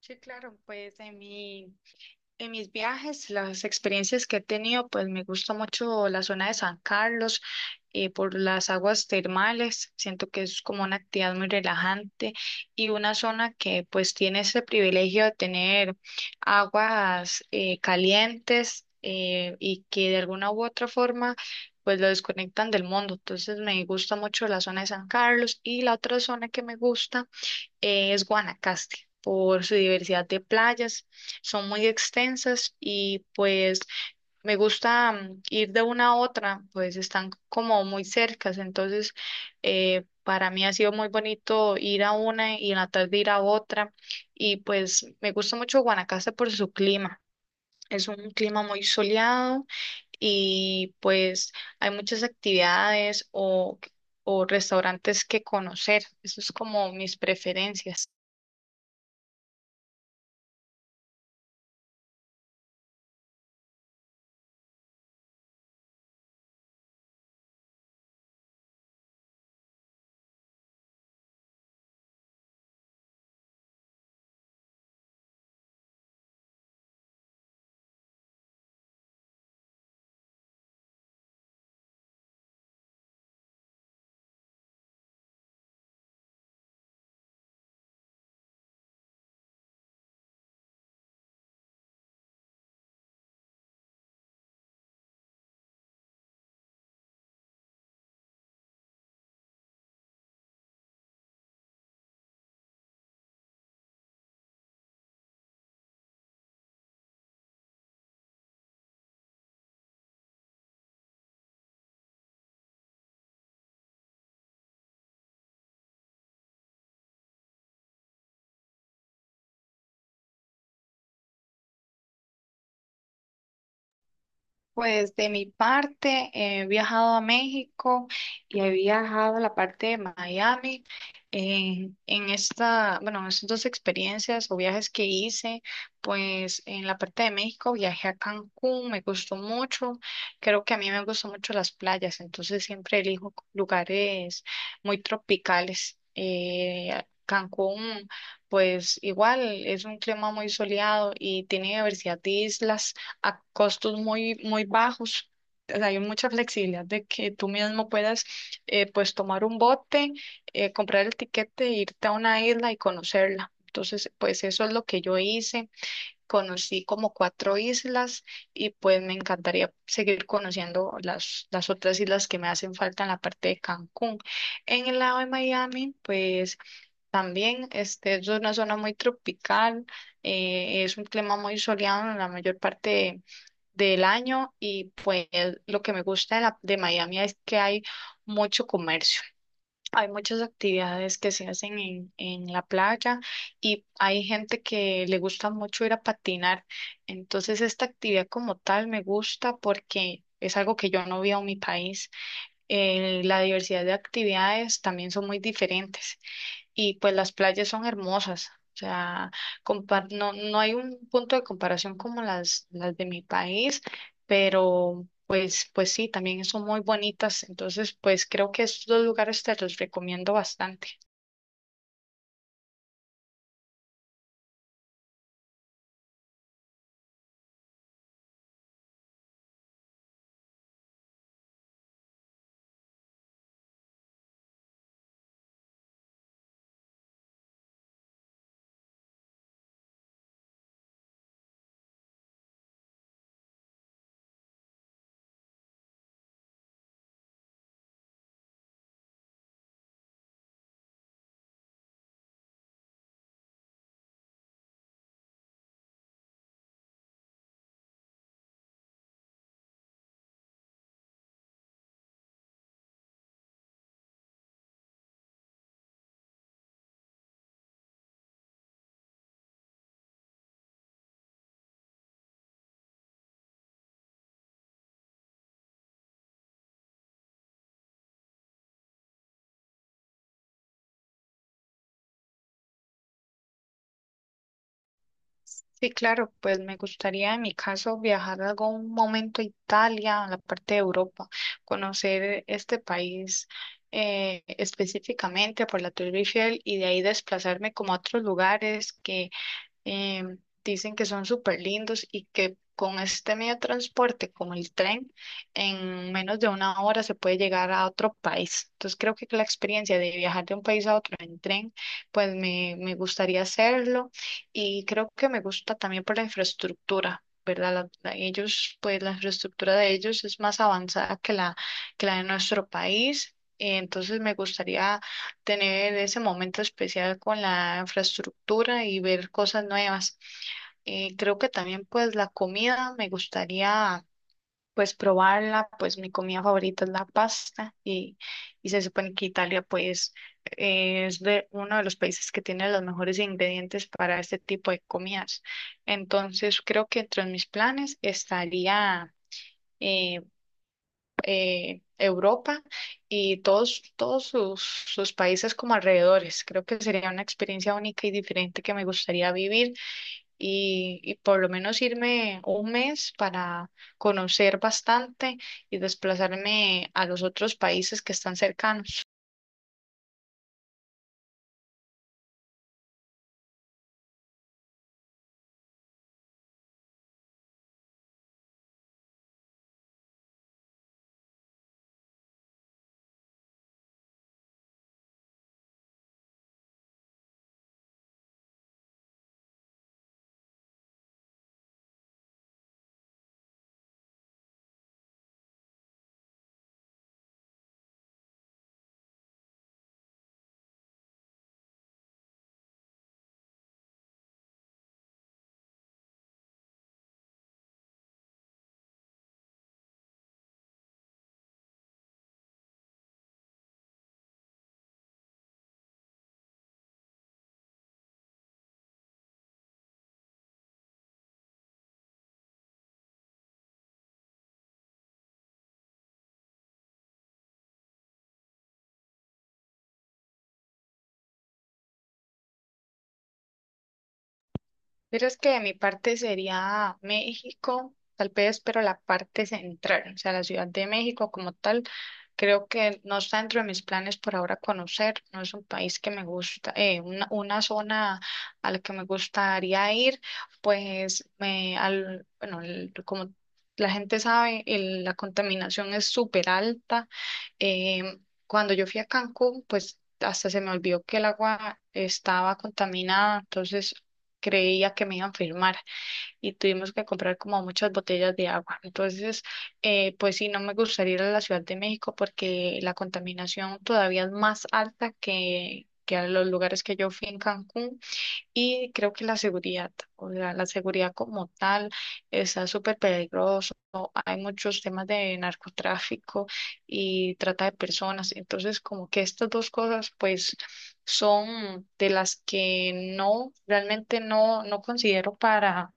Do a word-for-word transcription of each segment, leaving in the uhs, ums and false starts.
Sí, claro, pues en mi, en mis viajes, las experiencias que he tenido, pues me gusta mucho la zona de San Carlos eh, por las aguas termales. Siento que es como una actividad muy relajante y una zona que pues tiene ese privilegio de tener aguas eh, calientes eh, y que de alguna u otra forma pues lo desconectan del mundo. Entonces me gusta mucho la zona de San Carlos y la otra zona que me gusta eh, es Guanacaste por su diversidad de playas, son muy extensas y pues me gusta mm, ir de una a otra, pues están como muy cercas. Entonces eh, para mí ha sido muy bonito ir a una y en la tarde ir a otra, y pues me gusta mucho Guanacaste por su clima. Es un clima muy soleado y pues hay muchas actividades o, o restaurantes que conocer. Eso es como mis preferencias. Pues de mi parte, he viajado a México y he viajado a la parte de Miami. En, en esta, bueno, en estas dos experiencias o viajes que hice, pues en la parte de México viajé a Cancún, me gustó mucho. Creo que a mí me gustan mucho las playas, entonces siempre elijo lugares muy tropicales. Eh, Cancún, pues igual, es un clima muy soleado y tiene diversidad de islas a costos muy, muy bajos. O sea, hay mucha flexibilidad de que tú mismo puedas eh, pues tomar un bote, eh, comprar el tiquete, e irte a una isla y conocerla. Entonces, pues eso es lo que yo hice. Conocí como cuatro islas y pues me encantaría seguir conociendo las, las, otras islas que me hacen falta en la parte de Cancún. En el lado de Miami, pues también, este, es una zona muy tropical, eh, es un clima muy soleado en la mayor parte de- del año, y pues lo que me gusta de, la- de Miami es que hay mucho comercio, hay muchas actividades que se hacen en, en la playa, y hay gente que le gusta mucho ir a patinar. Entonces, esta actividad como tal me gusta porque es algo que yo no veo en mi país. Eh, la diversidad de actividades también son muy diferentes, y pues las playas son hermosas. O sea, compar no, no hay un punto de comparación como las, las, de mi país, pero pues, pues sí, también son muy bonitas. Entonces, pues creo que estos dos lugares te los recomiendo bastante. Sí, claro, pues me gustaría en mi caso viajar algún momento a Italia, a la parte de Europa, conocer este país, eh, específicamente por la Torre Eiffel, y de ahí desplazarme como a otros lugares que em, dicen que son súper lindos y que con este medio de transporte, como el tren, en menos de una hora se puede llegar a otro país. Entonces creo que la experiencia de viajar de un país a otro en tren, pues me, me gustaría hacerlo, y creo que me gusta también por la infraestructura, ¿verdad? La- la- ellos, pues la infraestructura de ellos es más avanzada que la, que la, de nuestro país. eh, Entonces me gustaría tener ese momento especial con la infraestructura y ver cosas nuevas. Eh, creo que también pues la comida me gustaría pues probarla, pues mi comida favorita es la pasta, y, y se supone que Italia pues eh, es de uno de los países que tiene los mejores ingredientes para este tipo de comidas. Entonces creo que entre mis planes estaría... eh, eh, Europa y todos, todos sus, sus países como alrededores. Creo que sería una experiencia única y diferente que me gustaría vivir, y, y por lo menos irme un mes para conocer bastante y desplazarme a los otros países que están cercanos. Verás que de mi parte sería México, tal vez, pero la parte central, o sea, la Ciudad de México como tal, creo que no está dentro de mis planes por ahora conocer. No es un país que me gusta, eh, una, una, zona a la que me gustaría ir, pues, me, al, bueno, el- como la gente sabe, el- la contaminación es súper alta. Em, cuando yo fui a Cancún, pues hasta se me olvidó que el agua estaba contaminada, entonces creía que me iban a firmar y tuvimos que comprar como muchas botellas de agua. Entonces, eh, pues sí, no me gustaría ir a la Ciudad de México porque la contaminación todavía es más alta que, que, a los lugares que yo fui en Cancún. Y creo que la seguridad, o sea, la seguridad como tal, está súper peligroso. Hay muchos temas de narcotráfico y trata de personas. Entonces, como que estas dos cosas, pues, son de las que no, realmente no, no considero para,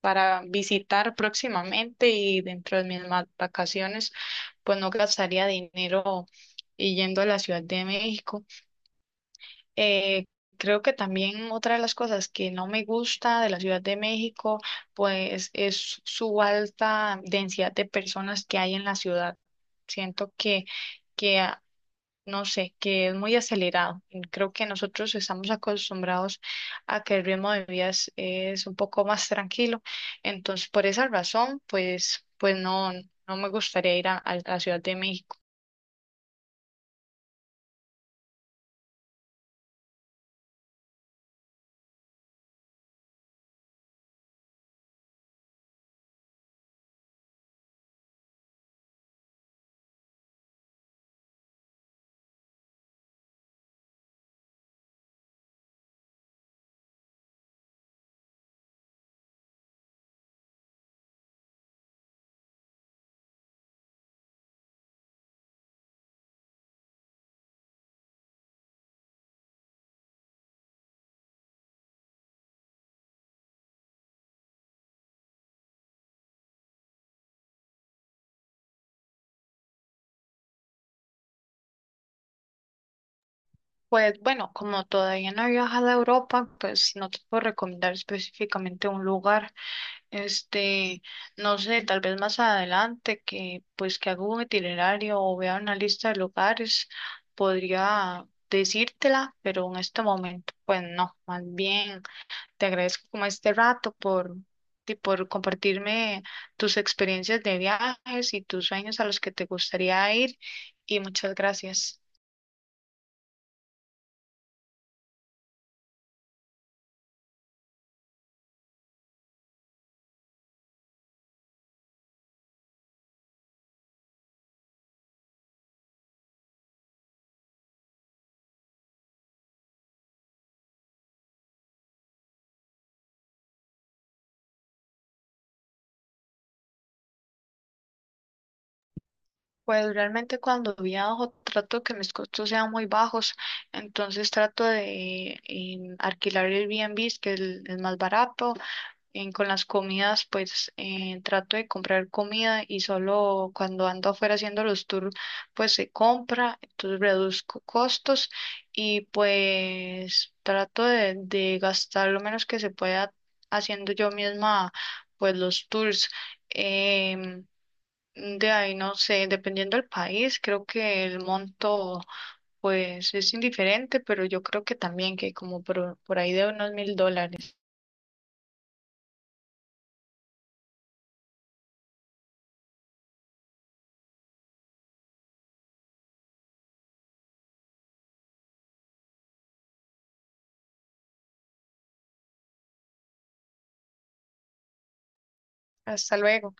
para visitar próximamente, y dentro de mis ma- vacaciones, pues no gastaría dinero y yendo a la Ciudad de México. Eh, Creo que también otra de las cosas que no me gusta de la Ciudad de México pues es su alta densidad de personas que hay en la ciudad. Siento que, que ah, no sé, que es muy acelerado. Y Creo que nosotros estamos acostumbrados a que el ritmo de vida es, es un poco más tranquilo. Entonces, por esa razón, pues, pues, no, no me gustaría ir a a la Ciudad de México. Pues bueno, como todavía no he viajado a Europa, pues no te puedo recomendar específicamente un lugar. Este, no sé, tal vez más adelante, que pues que haga un itinerario o vea una lista de lugares, podría decírtela, pero en este momento, pues no, más bien te agradezco como este rato por, y por compartirme tus experiencias de viajes y tus sueños a los que te gustaría ir. Y muchas gracias. Pues realmente, cuando viajo, trato que mis costos sean muy bajos, entonces trato de em, alquilar el Airbnb, que es el, el más barato. En- con las comidas, pues eh, trato de comprar comida, y solo cuando ando afuera haciendo los tours, pues se compra. Entonces reduzco costos y pues trato de, de gastar lo menos que se pueda, haciendo yo misma pues los tours. Em, de ahí, no sé, dependiendo del país, creo que el monto pues es indiferente, pero yo creo que también que como por, por, ahí de unos mil dólares. Hasta luego.